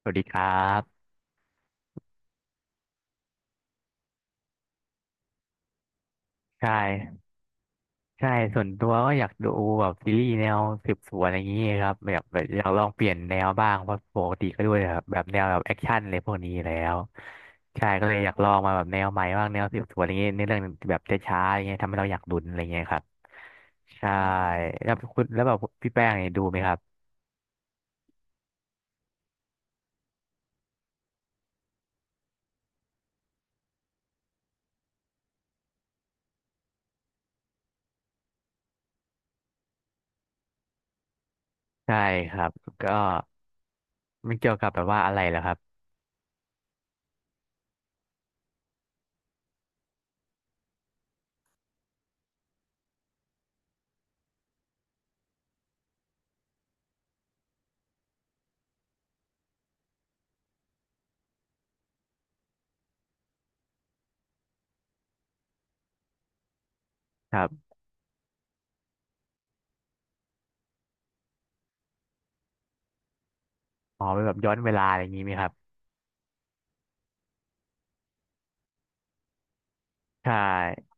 สวัสดีครับใช่ใช่ส่วนตัวก็อยากดูแบบซีรีส์แนวสืบสวนอะไรอย่างนี้ครับแบบอยากลองเปลี่ยนแนวบ้างเพราะปกติก็ด้วย่แบบแนวแบบแอคชั่นอะไรพวกนี้อยู่แล้วใช่ก็เลยอยากลองมาแบบแนวใหม่บ้างแนวสืบสวนอะไรอย่างนี้ในเรื่องแบบช้าๆอย่างเงี้ยทำให้เราอยากลุ้นอะไรอย่างเงี้ยครับใช่แล้วแบบพี่แป้งเนี่ยดูไหมครับใช่ครับก็มันเกี่ยวกับแบบว่าอะไรเหรอครับครับอ๋อเป็นแบบย้อนเวลาอะไรอย่างนี้ไหมครับใช่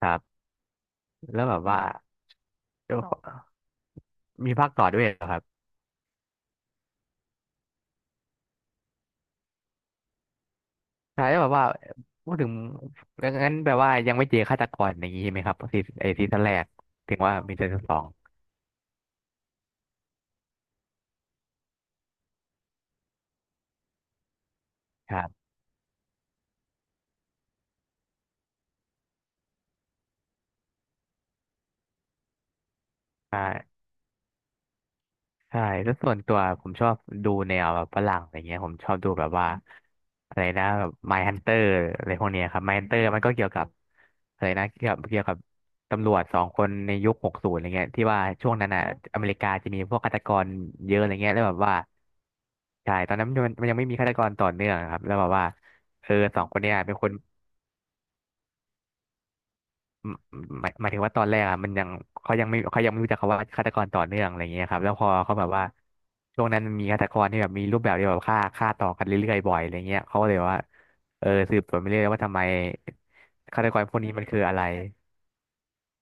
ครับแล้วแบบว่า มีภาคต่อด้วยเหรอครับใช่แล้วแบบว่าพูดถึงงั้นแปลว่ายังไม่เจอฆาตกรอย่างนี้ใช่ไหมครับซีไอซีซั่นแรกถึงว่ามีซีซั่นสองครับใช่ ใช่แล้วส่วนตัวผมชอบดูแนวแบบฝรั่งอะไรเงี้ยผมชอบดูแบบว่าอะไรนะแบบ My Hunter อะไรพวกเนี้ยครับ My Hunter มันก็เกี่ยวกับอะไรนะเกี่ยวกับเกี่ยวกับตำรวจสองคนในยุค60อะไรเงี้ยที่ว่าช่วงนั้นอ่ะอเมริกาจะมีพวกฆาตกรเยอะอะไรเงี้ยแล้วแบบว่าใช่ตอนนั้นมันยังไม่มีฆาตกรต่อเนื่องครับแล้วแบบว่าเออสองคนเนี้ยเป็นคน หมายถึงว่าตอนแรกอ่ะมันยังเขายังไม่รู้จักคำว่าฆาตกรต่อเนื่องอะไรเงี้ยครับแล้วพอเขาแบบว่าช่วงนั้นมันมีฆาตกรที่แบบมีรูปแบบที่แบบฆ่าต่อกันเรื่อยๆบ่อยอะไรเงี้ยเขาก็เลยว่าเออสืบสวนไปเรื่อยว่าทำไมฆาตกรพวกนี้มันคืออะไร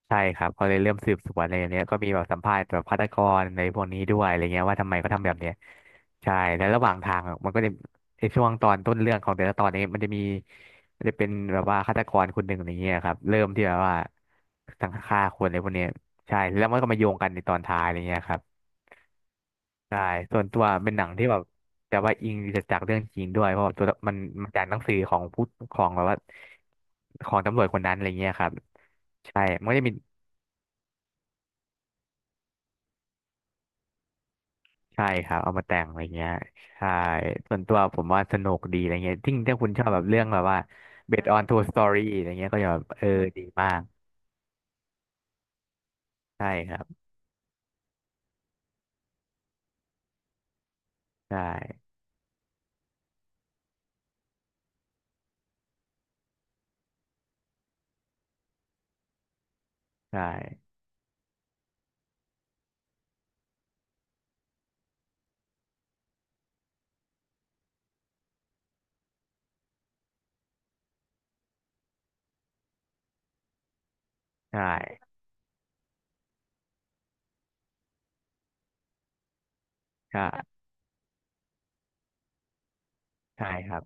ใช่ครับเขาเลยเริ่มสืบสวนอะไรอย่างเนี้ยก็มีแบบสัมภาษณ์แบบฆาตกรในพวกนี้ด้วยอะไรเงี้ยว่าทำไมเขาทำแบบเนี้ยใช่แล้วระหว่างทางอะมันก็จะในช่วงตอนต้นเรื่องของแต่ละตอนเนี้มันจะเป็นแบบว่าฆาตกรคนหนึ่งอะไรเงี้ยครับเริ่มที่แบบว่าสังฆ่าคนอะไรพวกเนี้ยใช่แล้วมันก็มาโยงกันในตอนท้ายอะไรเงี้ยครับใช่ส่วนตัวเป็นหนังที่แบบแต่ว่าอิงจากเรื่องจริงด้วยเพราะว่าตัวมันมันจากหนังสือของผู้ของแบบว่าของตำรวจคนนั้นอะไรเงี้ยครับใช่มันก็จะมี ใช่ครับเอามาแต่งอะไรเงี้ยใช่ส่วนตัวผมว่าสนุกดีอะไรเงี้ยทิ่งถ้าคุณชอบแบบเรื่องแบบว่า based on true story อะไรเงี้ยก็จะแบบเออดีมากใช่ครับใช่ใช่ใช่ใช่ใช่ครับ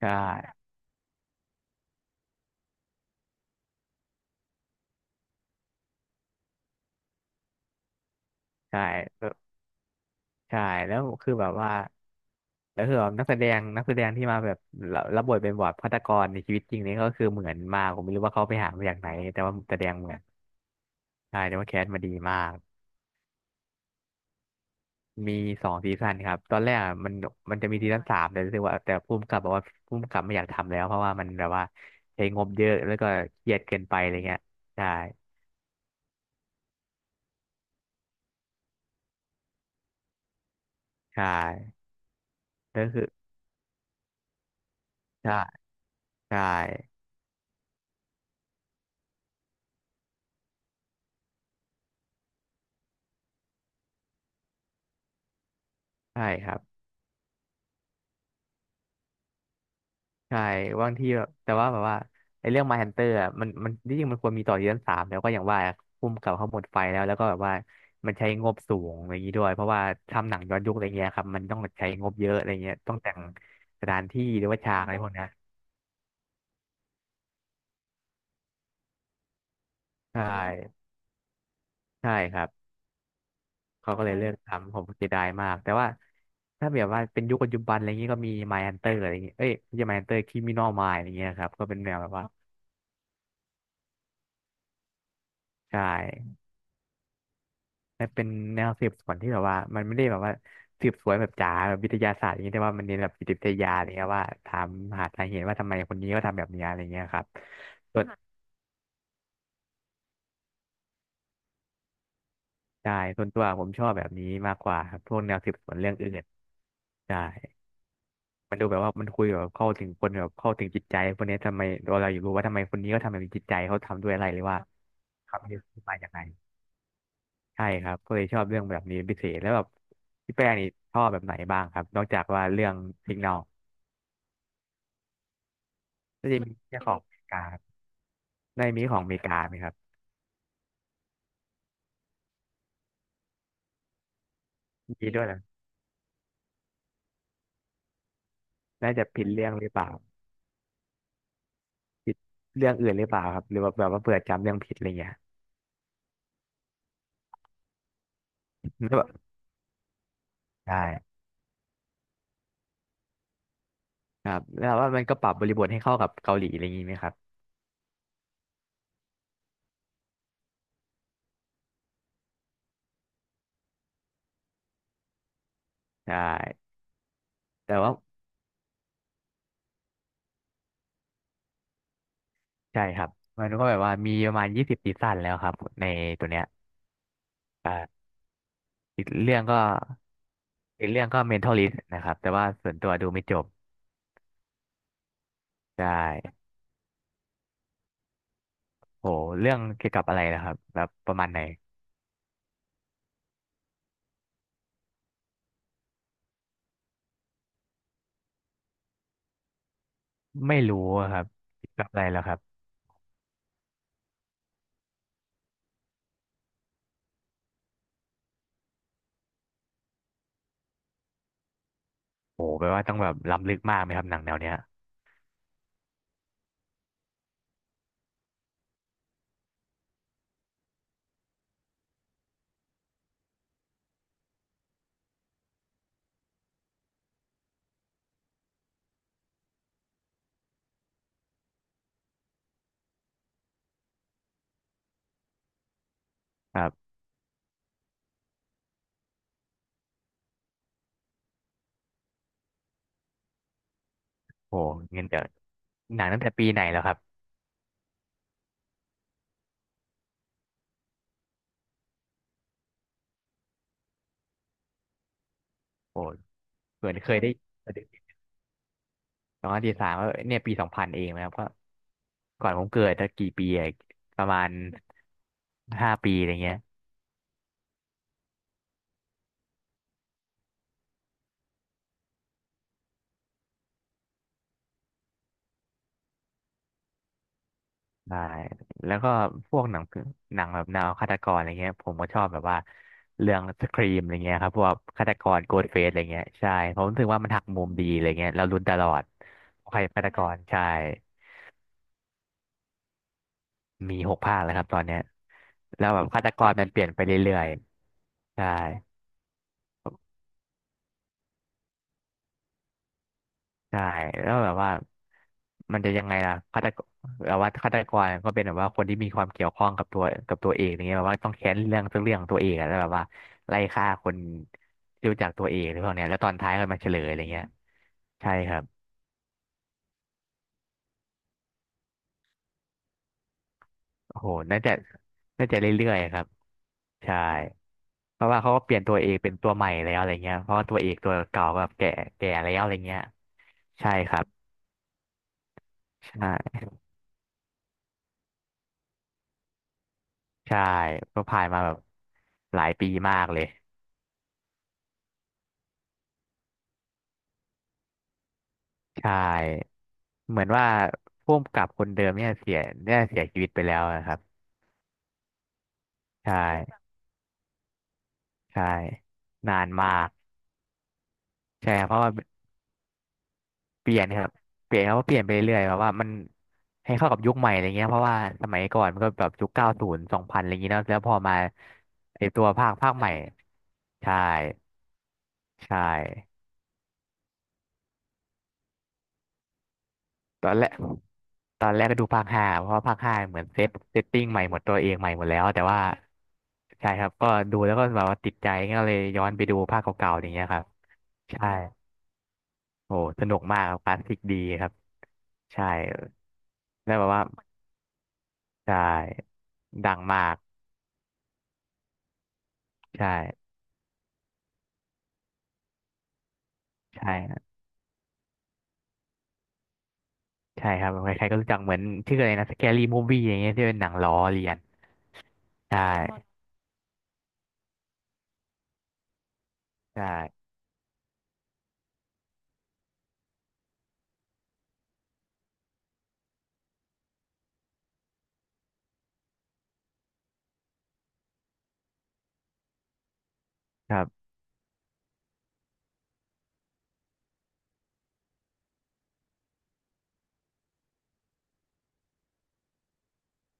ใช่ใช่เออใช่แล้วคือแบบว่าแล้วคือแบบนักแสดงที่มาแบบรับบทเป็นแบบฆาตกรในชีวิตจริงนี่ก็คือเหมือนมากผมไม่รู้ว่าเขาไปหามาจากไหนแต่ว่าแสดงเหมือนใช่แต่ว่าแคสมาดีมาก มีสองซีซั่นครับตอนแรกอะมันมันจะมีซีซั่นสามแต่รู้สึกว่าแต่ผู้กำกับบอกว่าผู้กำกับไม่อยากทำแล้วเพราะว่ามันแบบว่าใช้งบเยอะแล้วก็เครียดเกินไปอะไรเงี้ยใช่ใช่แล้วคือใช่ใช่ใช่ครับใช่บางทีแบบแต่ว่าแบบว่าไอ้เรื่อง Mindhunter อะมันที่จริงมันควรมีต่อซีซั่นสามแล้วก็อย่างว่าผู้กำกับเขาหมดไฟแล้วแล้วก็แบบว่ามันใช้งบสูงอะไรอย่างนี้ด้วยเพราะว่าทำหนังย้อนยุคอะไรเงี้ยครับมันต้องใช้งบเยอะอะไรเงี้ยต้องแต่งสถานฉากอะไรพวกเนี้ยใช่ใช่ครับ เขาก็เลยเลิกทำผมเสียดายมากแต่ว่าถ้าแบบว่าเป็นยุคปัจจุบันอะไรเงงี้ยก็มี My Hunter อะไรเงงี้ยเอ้ยไม่ใช่ My Hunter Criminal Minds อะไรเงี้ยครับก็เป็นแนวแบบว่าใช่และเป็นแนวสืบสวนที่แบบว่ามันไม่ได้แบบว่าสืบสวนแบบจ๋าแบบวิทยาศาสตร์อย่างเงี้ยแต่ว่ามันเน้นแบบจิตวิทยาอะไรเงี้ยว่าถามหาสาเหตุว่าทำไมคนนี้ก็ทำแบบเนี้ยอะไรเงี้ยครับส่วนใช่ส่วนตัวผมชอบแบบนี้มากกว่าครับพวกแนวสืบสวนเรื่องอื่นใช่ มันดูแบบว่ามันคุยแบบเข้าถึงคนแบบเข้าถึงจิตใจคนเนี้ยทำไมเราอยูกรู้ว่าทำไมคนนี้เขาทำแบบนี้จิตใจเขาทำด้วยอะไรหรือว่าเขามีที่มาจากไหนใช่ครับก็เลยชอบเรื่องแบบนี้ปพิเศษแล้วแบบพี่แป้งนี่ชอบแบบไหนบ้างครับนอกจากว่าเรื่องสิกแนลก็จะมีเรื่องของอเมริกาครับในมีของอเมริกาไหมครับมีด้วยเหรอน่าจะผิดเรื่องหรือเปล่าผิดเรื่องอื่นหรือเปล่าครับหรือว่าแบบว่าเผื่อจำเรื่องผิดอะไรเงี้ยแล้วแบบใช่ครับแล้วว่ามันก็ปรับบริบทให้เข้ากับเกาหลีอะไรอย่างงี้ไหมครับใช่แต่ว่า ใช่ครับมันก็แบบว่ามีประมาณ20 ซีซั่นแล้วครับในตัวเนี้ยอ่าอีกเรื่องก็อีกเรื่องก็ Mentalist นะครับแต่ว่าส่วนตัวดูไม่จบใช่โหเรื่องเกี่ยวกับอะไรนะครับแบบประมาณไหนไม่รู้อะครับเกี่ยวกับอะไรแล้วครับโหแปลว่าต้องแบบล้ำลึกมากไหมครับหนังแนวเนี้ยครับโหงั้นเดี๋ยวหนังตั้งแต่ปีไหนแล้วครับโหเหมือนเคยได้2013ก็เนี่ยปี 2000เองนะครับก็ก่อนผมเกิดตั้งกี่ปีอะประมาณ5 ปีอะไรเงี้ย ใช่แล้วก็พวกหนังผีหนังแบบแนวฆาตกรอะไรเงี้ยผมก็ชอบแบบว่าเรื่องสครีมอะไรเงี้ยครับพวกฆาตกรโกดเฟสอะไรเงี้ยใช่ผมรู้สึกว่ามันหักมุมดีอะไรเงี้ยเราลุ้นตลอดว่าใครเป็นฆาตกรใช่มี6 ภาคแล้วครับตอนเนี้ยแล้วแบบฆาตกรมันเปลี่ยนไปเรื่อยๆใช่ ใช่แล้วแบบว่ามันจะยังไงล่ะฆาตกรแบบว่าฆาตกรก็เป็นแบบว่าคนที่มีความเกี่ยวข้องกับตัวกับตัวเองอย่างเงี้ยแบบว่าต้องแค้นเรื่องสักเรื่องของตัวเองอะแล้วแบบว่าไล่ฆ่าคนที่รู้จักตัวเองหรือพวกเนี้ยแล้วตอนท้ายก็มาเฉลยอะไรเงี้ยใช่ครับโอ้โหน่าจะเรื่อยๆครับใช่เพราะว่าเขาก็เปลี่ยนตัวเอกเป็นตัวใหม่แล้วอะไรเงี้ยเพราะว่าตัวเอกตัวเก่าแบบแก่แก่แล้วอะไรเงี้ยใช่ครับใช่ใช่ก็ผ่านมาแบบหลายปีมากเลยใช่ เหมือนว่าผู้กำกับคนเดิมเนี่ยเสียชีวิตไปแล้วนะครับใช่ใช่นานมากใช่ครับเพราะว่าเปลี่ยนครับเปลี่ยนเขาก็เปลี่ยนไปเรื่อยๆแบบว่ามันให้เข้ากับยุคใหม่อะไรเงี้ยเพราะว่าสมัยก่อนมันก็แบบยุคเก้าศูนย์สองพันอะไรเงงี้ยเนอะแล้วพอมาไอตัวภาคใหม่ใช่ใช่ ตอนแรกตอนแรกก็ดูภาคห้าเพราะว่าภาคห้าเหมือนเซตติ้งใหม่หมดตัวเองใหม่หมดแล้วแต่ว่าใช่ครับก็ดูแล้วก็แบบว่าติดใจก็เลยย้อนไปดูภาคเก่าๆอย่างเงี้ยครับใช่โอ้สนุกมากครับคลาสสิกดีครับใช่แล้วแบบว่าใช่ดังมากใช่ใช่ใช่ครับใครๆก็รู้จักเหมือนชื่ออะไรนะสแกรี่มูฟวี่อย่างเงี้ยที่เป็นหนังล้อเลียนใช่ใช่ใช่ครับ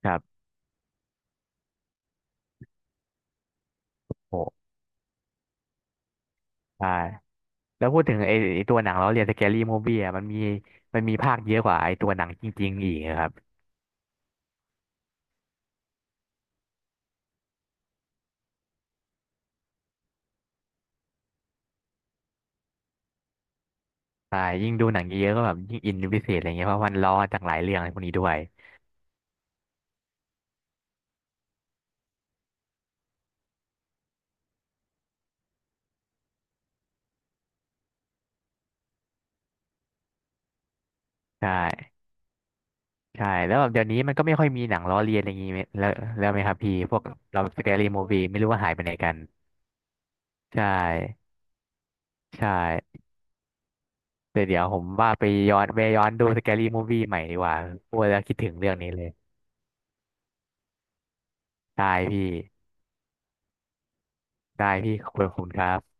ครับโอ้ใช่ แล้วพูดถึงไอ้ตัวหนังเราเรียนสแกรี่มูฟวี่อะมันมีมีภาคเยอะกว่าไอ้ตัวหนังจริงๆอีกครับใช่ยิ่งดูหนังเยอะก็แบบยิ่งอินเป็นพิเศษอะไรเงี้ยเพราะมันล้อจากหลายเรื่องอะไรพวกนี้ด้วย ใช่ใช่แล้วแบบเดี๋ยวนี้มันก็ไม่ค่อยมีหนังล้อเลียนอะไรอย่างงี้ไหมแล้วแล้วไหมครับพี่พวกเราสแกรี่มูฟวี่ไม่รู้ว่าหายไปไหนกัน ใช่ใช่แต่เดี๋ยวผมว่าไปย้อนดูสแกรี่มูฟวี่ใหม่ดีกว่าพูดแล้วคิดถึงเรื่องนี้เลยได้พี่ขอบคุณครับ